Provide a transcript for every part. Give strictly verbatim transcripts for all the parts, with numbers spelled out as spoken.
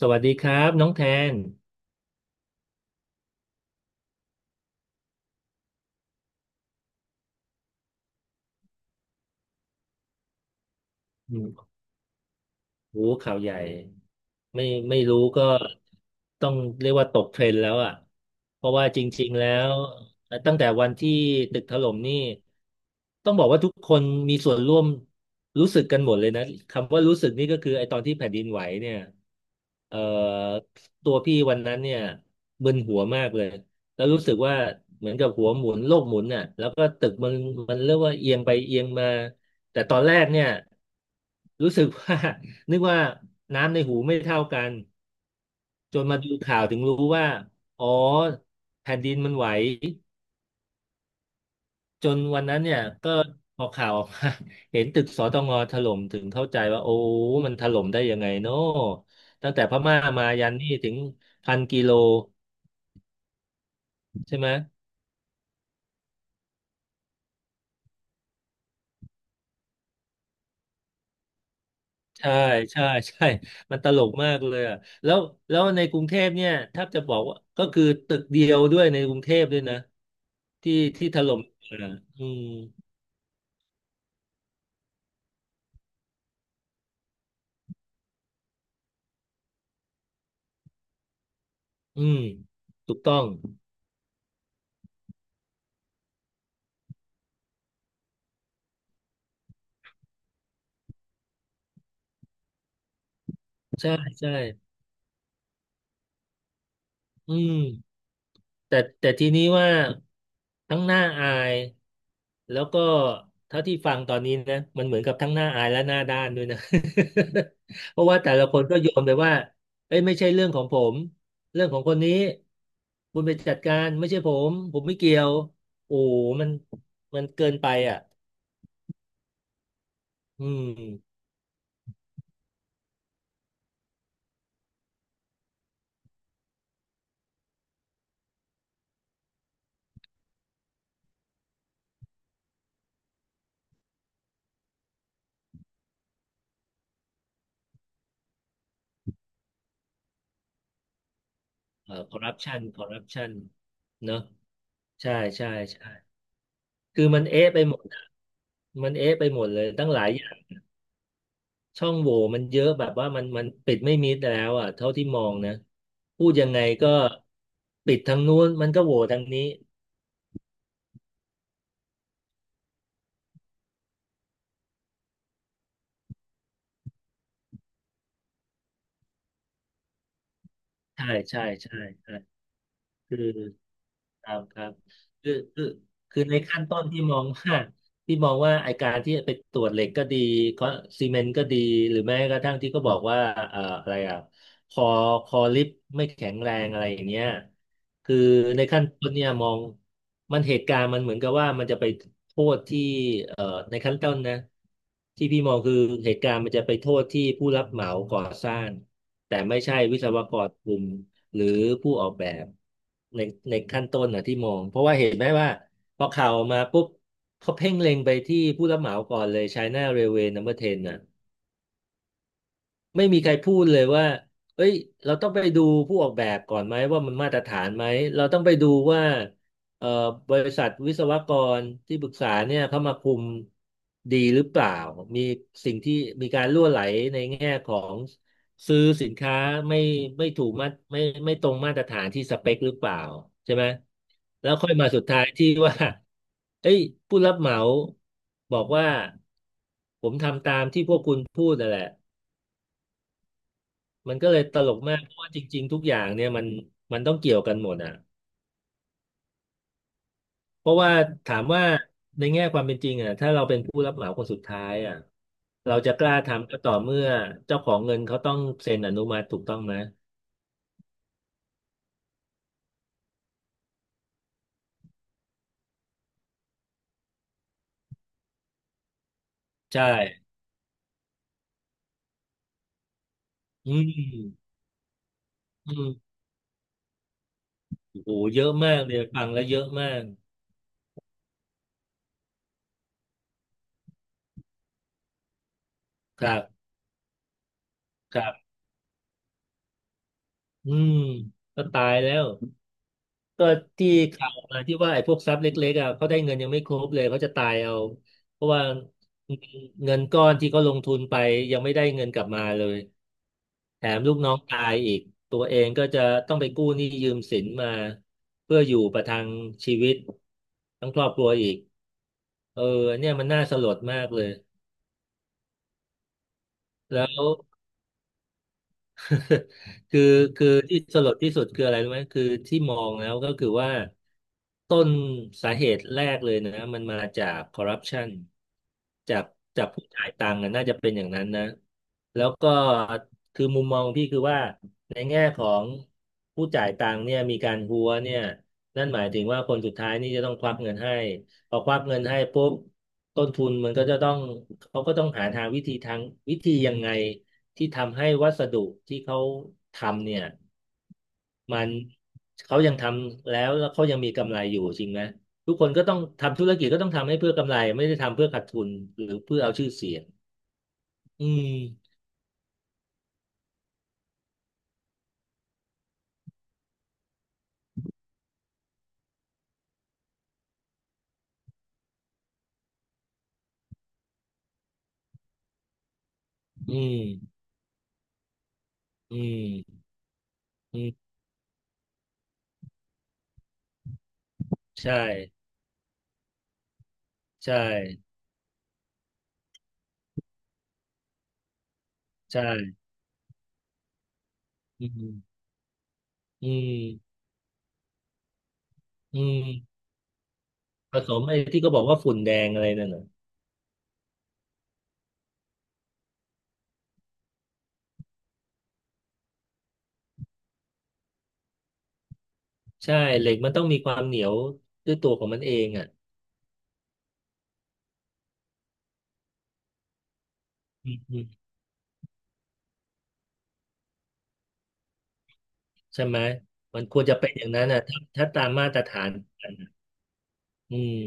สวัสดีครับน้องแทนอืมโอ้โหข่าวใหญ่ ไม่ไม่รู้ก็ต้องเรียกว่าตกเทรนด์แล้วอ่ะเพราะว่าจริงๆแล้ว่ตั้งแต่วันที่ตึกถล่มนี่ต้องบอกว่าทุกคนมีส่วนร่วมรู้สึกกันหมดเลยนะคำว่ารู้สึกนี่ก็คือไอ้ตอนที่แผ่นดินไหวเนี่ยเอ่อตัวพี่วันนั้นเนี่ยมึนหัวมากเลยแล้วรู้สึกว่าเหมือนกับหัวหมุนโลกหมุนน่ะแล้วก็ตึกมันมันเรียกว่าเอียงไปเอียงมาแต่ตอนแรกเนี่ยรู้สึกว่า นึกว่าน้ำในหูไม่เท่ากันจนมาดูข่าวถึงรู้ว่าอ๋อแผ่นดินมันไหวจนวันนั้นเนี่ยก็พอข่าวออกมา เห็นตึกสตงถล่มถึงเข้าใจว่าโอ้มันถล่มได้ยังไงเนาะตั้งแต่พม่ามายันนี่ถึงพันกิโลใช่ไหมใช่ใช่ใช่มันตลกมากเลยอะแล้วแล้วในกรุงเทพเนี่ยถ้าจะบอกว่าก็คือตึกเดียวด้วยในกรุงเทพด้วยนะที่ที่ถล่มอะอืม อืมถูกต้องใช่ใช่อืมแต่แต่ทีนี้ว่าทั้งหน้าอายแล้วก็เท่าที่ฟังตอนนี้นะมันเหมือนกับทั้งหน้าอายและหน้าด้านด้วยนะ เพราะว่าแต่ละคนก็โยนไปว่าเอ้ยไม่ใช่เรื่องของผมเรื่องของคนนี้คุณไปจัดการไม่ใช่ผมผมไม่เกี่ยวโอ้โหมันมันเกินไปอ่ะอืมเอ่อคอร์รัปชันคอร์รัปชันเนอะใช่ใช่ใช่ คือมันเอ๊ะไปหมดอะมันเอ๊ะไปหมดเลยตั้งหลายอย่างช่องโหว่มันเยอะแบบว่ามันมันปิดไม่มิดแล้วอ่ะเท่าที่มองนะพูดยังไงก็ปิดทางนู้นมันก็โหว่ทางนี้ใช่ใช่ใช่ใช่คือ ครับครับคือคือคือในขั้นต้นที่มอง ว่าที่มองว่าไอการที่ไปตรวจเหล็กก็ดีคอซีเมนต์ก็ดีหรือแม้กระทั่งที่ก็บอกว่าเอ่ออะไรอ่ะคอคอลิฟต์ไม่แข็งแรงอะไรอย่างเงี้ยคือในขั้นต้นเนี่ยมองมันเหตุการณ์มันเหมือนกับว่ามันจะไปโทษที่เอ่อในขั้นต้นนะที่พี่มองคือเหตุการณ์มันจะไปโทษที่ผู้รับเหมาก่อสร้างแต่ไม่ใช่วิศวกรกลุ่ม หรือผู้ออกแบบในในขั้นต้นนะที่มองเพราะว่าเห็นไหมว่าพอข่าวออกมาปุ๊บเขาเพ่งเล็งไปที่ผู้รับเหมาก่อนเลย China Railway Number เท็นน่ะ ไม่มีใครพูดเลยว่าเอ้ยเราต้องไปดูผู้ออกแบบก่อนไหมว่ามันมาตรฐานไหมเราต้องไปดูว่าเอ่อบริษัทวิศวกรที่ปรึกษาเนี่ยเขามาคุมดีหรือเปล่ามีสิ่งที่มีการรั่วไหลในแง่ของซื้อสินค้าไม่ไม่ถูกมาตรไม่ไม่ตรงมาตรฐานที่สเปคหรือเปล่าใช่ไหมแล้วค่อยมาสุดท้ายที่ว่า เอ้ยผู้รับเหมาบอกว่าผมทำตามที่พวกคุณพูดนั่นแหละ มันก็เลยตลกมากเพราะว่าจริงๆทุกอย่างเนี่ยมันมันต้องเกี่ยวกันหมดอ่ะเพราะว่าถามว่าในแง่ความเป็นจริงอ่ะถ้าเราเป็นผู้รับเหมาคนสุดท้ายอ่ะเราจะกล้าทำก็ต่อเมื่อเจ้าของเงินเขาต้องเซ็นอนุมัติถูกต้องไหมใช่อืมอืมโอ้โหเยอะมากเลยฟังแล้วเยอะมากครับครับอืมก็ตายแล้ว ก็ที่ข่าวมาที่ว่าไอ้พวกทรัพย์เล็กๆอ่ะเขาได้เงินยังไม่ครบเลยเขาจะตายเอาเพราะว่าเงินก้อนที่เขาลงทุนไปยังไม่ได้เงินกลับมาเลยแถมลูกน้องตายอีกตัวเองก็จะต้องไปกู้หนี้ยืมสินมาเพื่ออยู่ประทังชีวิตทั้งครอบครัวอีกเออเนี่ยมันน่าสลดมากเลยแล้ว คือคือที่สลดที่สุดคืออะไรรู้ไหมคือที่มองแล้วก็คือว่าต้นสาเหตุแรกเลยนะมันมาจากคอร์รัปชันจากจากผู้จ่ายตังค์นะน่าจะเป็นอย่างนั้นนะแล้วก็คือมุมมองพี่คือว่าในแง่ของผู้จ่ายตังค์เนี่ยมีการหัวเนี่ยนั่นหมายถึงว่าคนสุดท้ายนี่จะต้องควักเงินให้พอควักเงินให้ปุ๊บต้นทุนมันก็จะต้องเขาก็ต้องหาทางวิธีทางวิธียังไง ที่ทำให้วัสดุที่เขาทำเนี่ยมันเขายังทำแล้วแล้วเขายังมีกำไรอยู่จริงไหมทุกคนก็ต้องทำธุรกิจก็ต้องทำให้เพื่อกำไรไม่ได้ทำเพื่อขาดทุนหรือเพื่อเอาชื่อเสียงอืมอืมอืมอืมใช่ใช่ใช่อืมอืมอืมผสมไอ้ที่ก็บอกว่าฝุ่นแดงอะไรนั่นน่ะใช่เหล็กมันต้องมีความเหนียวด้วยตัวของมันเองอ่ะอืม ใช่ไหมมันควรจะเป็นอย่างนั้นนะถ้าถ้าตามมาตรฐานน่ะอืม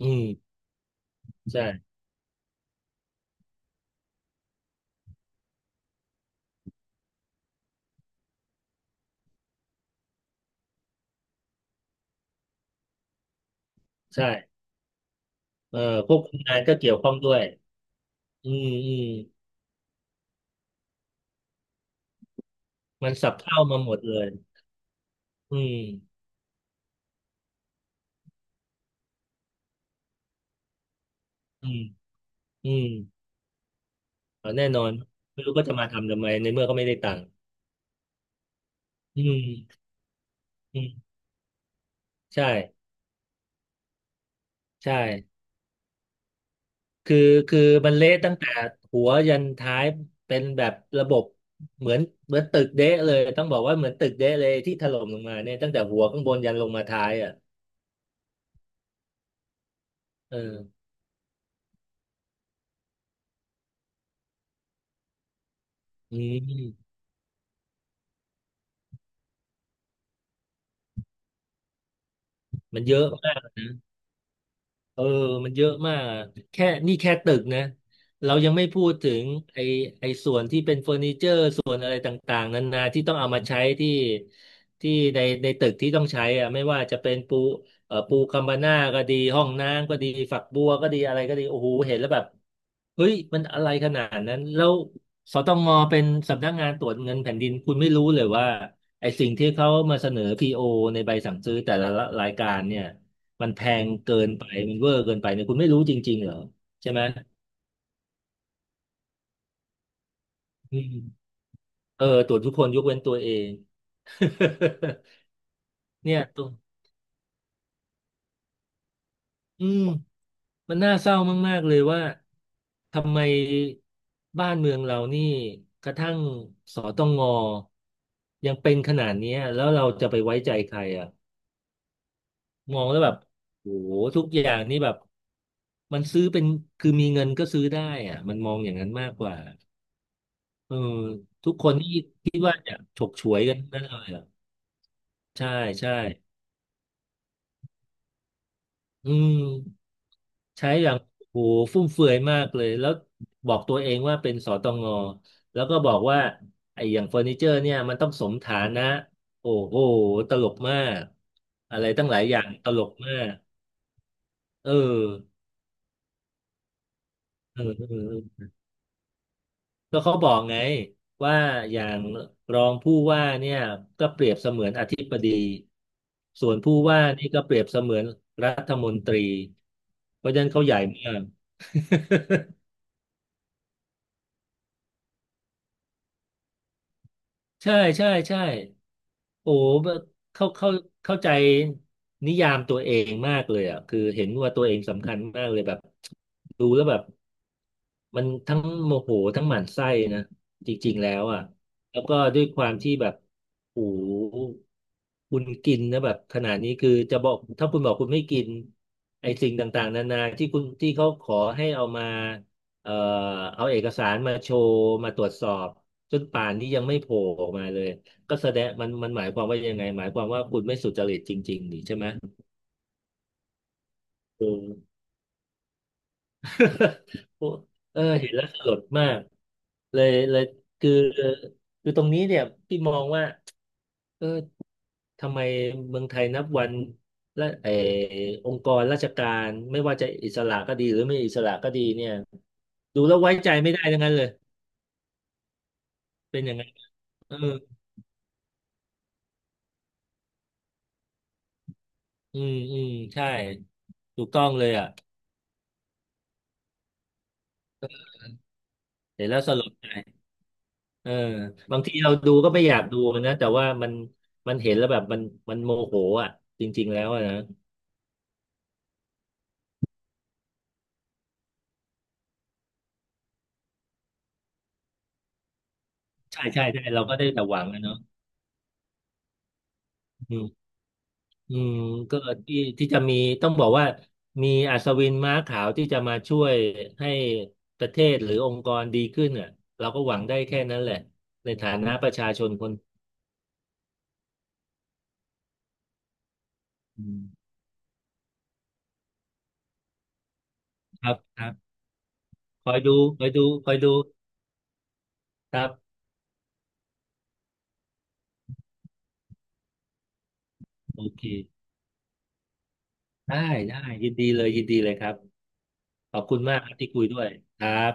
อืมใช่ใช่เอ่อควบคุมงานก็เกี่ยวข้องด้วยอืมอืมมันสับเข้ามาหมดเลยอืมอืมอืมเอาแน่นอนไม่รู้ก็จะมาทำทำไมในเมื่อก็ไม่ได้ตังค์อืมอืมใช่ใช่คือคือมันเละตั้งแต่หัวยันท้ายเป็นแบบระบบเหมือนเหมือนตึกเดะเลยต้องบอกว่าเหมือนตึกเดะเลยที่ถล่มลงมาเนี่ยตั้งแต่หัวข้างบนยันลงมาท้ายอ่ะ เอออืมมันเยอะมากนะ เออมันเยอะมากแค่นี่แค่ตึกนะเรายังไม่พูดถึงไอไอส่วนที่เป็นเฟอร์นิเจอร์ส่วนอะไรต่างๆนานาที่ต้องเอามาใช้ที่ที่ในในตึกที่ต้องใช้อะไม่ว่าจะเป็นปูเอ่อปูคัมบาน่าก็ดี ห้องน้ำก็ดี ฝักบัวก็ดี อะไรก็ดี โอ้โห เห็นแล้วแบบเฮ้ยมันอะไรขนาดนั้น แล้วสตงเป็นสำนักงานตรวจเงินแผ่นดิน คุณไม่รู้เลยว่าไอสิ่งที่เขามาเสนอพีโอในใบสั่งซื้อแต่ละรายการเนี่ย มันแพงเกินไปมันเวอร์เกินไปเนี่ยคุณไม่รู้จริงๆเหรอใช่ไหมอืมเออตรวจทุกคนยกเว้นตัวเอง เนี่ยตัวอืมมันน่าเศร้ามากๆเลยว่าทำไมบ้านเมืองเรานี่กระทั่งสตงยังเป็นขนาดเนี้ยแล้วเราจะไปไว้ใจใครอ่ะมองแล้วแบบโอ้โหทุกอย่างนี่แบบมันซื้อเป็นคือมีเงินก็ซื้อได้อ่ะมันมองอย่างนั้นมากกว่า เออทุกคนที่คิดว่าจะฉกฉวยกันทั้งนั่นเลยอ่ะใช่ใช่อืมใช้อย่างโหฟุ่มเฟือยมากเลยแล้วบอกตัวเองว่าเป็นสตงแล้วก็บอกว่าไอ้อย่างเฟอร์นิเจอร์เนี่ยมันต้องสมฐานะโอ้โหตลกมากอะไรตั้งหลายอย่างตลกมากเออเออเออ ก็เขาบอกไงว่าอย่างรองผู้ว่าเนี่ยก็เปรียบเสมือนอธิบดีส่วนผู้ว่านี่ก็เปรียบเสมือนรัฐมนตรีเพราะฉะนั้นเขาใหญ่มาก ใช่ใช่ใช่โอ้เข้าเข้าเข้าใจนิยามตัวเองมากเลยอ่ะคือเห็นว่าตัวเองสำคัญมากเลยแบบดูแล้วแบบมันทั้งโมโหทั้งหมั่นไส้นะจริงๆแล้วอ่ะแล้วก็ด้วยความที่แบบโอ้โห คุณกินนะแบบขนาดนี้คือจะบอกถ้าคุณบอกคุณไม่กินไอ้สิ่งต่างๆนานาที่คุณที่เขาขอให้เอามาเอ่อเอาเอกสารมาโชว์มาตรวจสอบจนป่านนี้ยังไม่โผล่ออกมาเลยก็แสดงมันมันหมายความว่ายังไงหมายความว่าคุณไม่สุจริตจริงๆนี่ใช่ไหมเออ โอ้ เออเห็นแล้วสลดมากเลยเลยคือคือตรงนี้เนี่ยพี่มองว่าเออ ทำไมเมืองไทยนับวันและเออองค์กรราชการไม่ว่าจะอิสระก็ดีหรือไม่อิสระก็ดีเนี่ยดูแล้วไว้ใจไม่ได้ทั้งนั้นเลยเป็นอย่างนั้นเอออืมอืมใช่ถูกต้องเลยอ่ะเห็นแล้วสลดใจเออบางทีเราดูก็ไม่อยากดูนะแต่ว่ามันมันเห็นแล้วแบบมันมันโมโหอ่ะจริงๆแล้วอะนะใช่ใช่ใช่เราก็ได้แต่หวังนะเนาะ อืมก็ที่ที่จะมีต้องบอกว่ามีอัศวินม้าขาวที่จะมาช่วยให้ประเทศหรือองค์กรดีขึ้นอ่ะเราก็หวังได้แค่นั้นแหละในฐานะประชาชนคนอืมครับครับคอยดูคอยดูคอยดูครับโอเคได้ได้ยินดีเลยยินดีเลยครับขอบคุณมากครับที่คุยด้วยครับ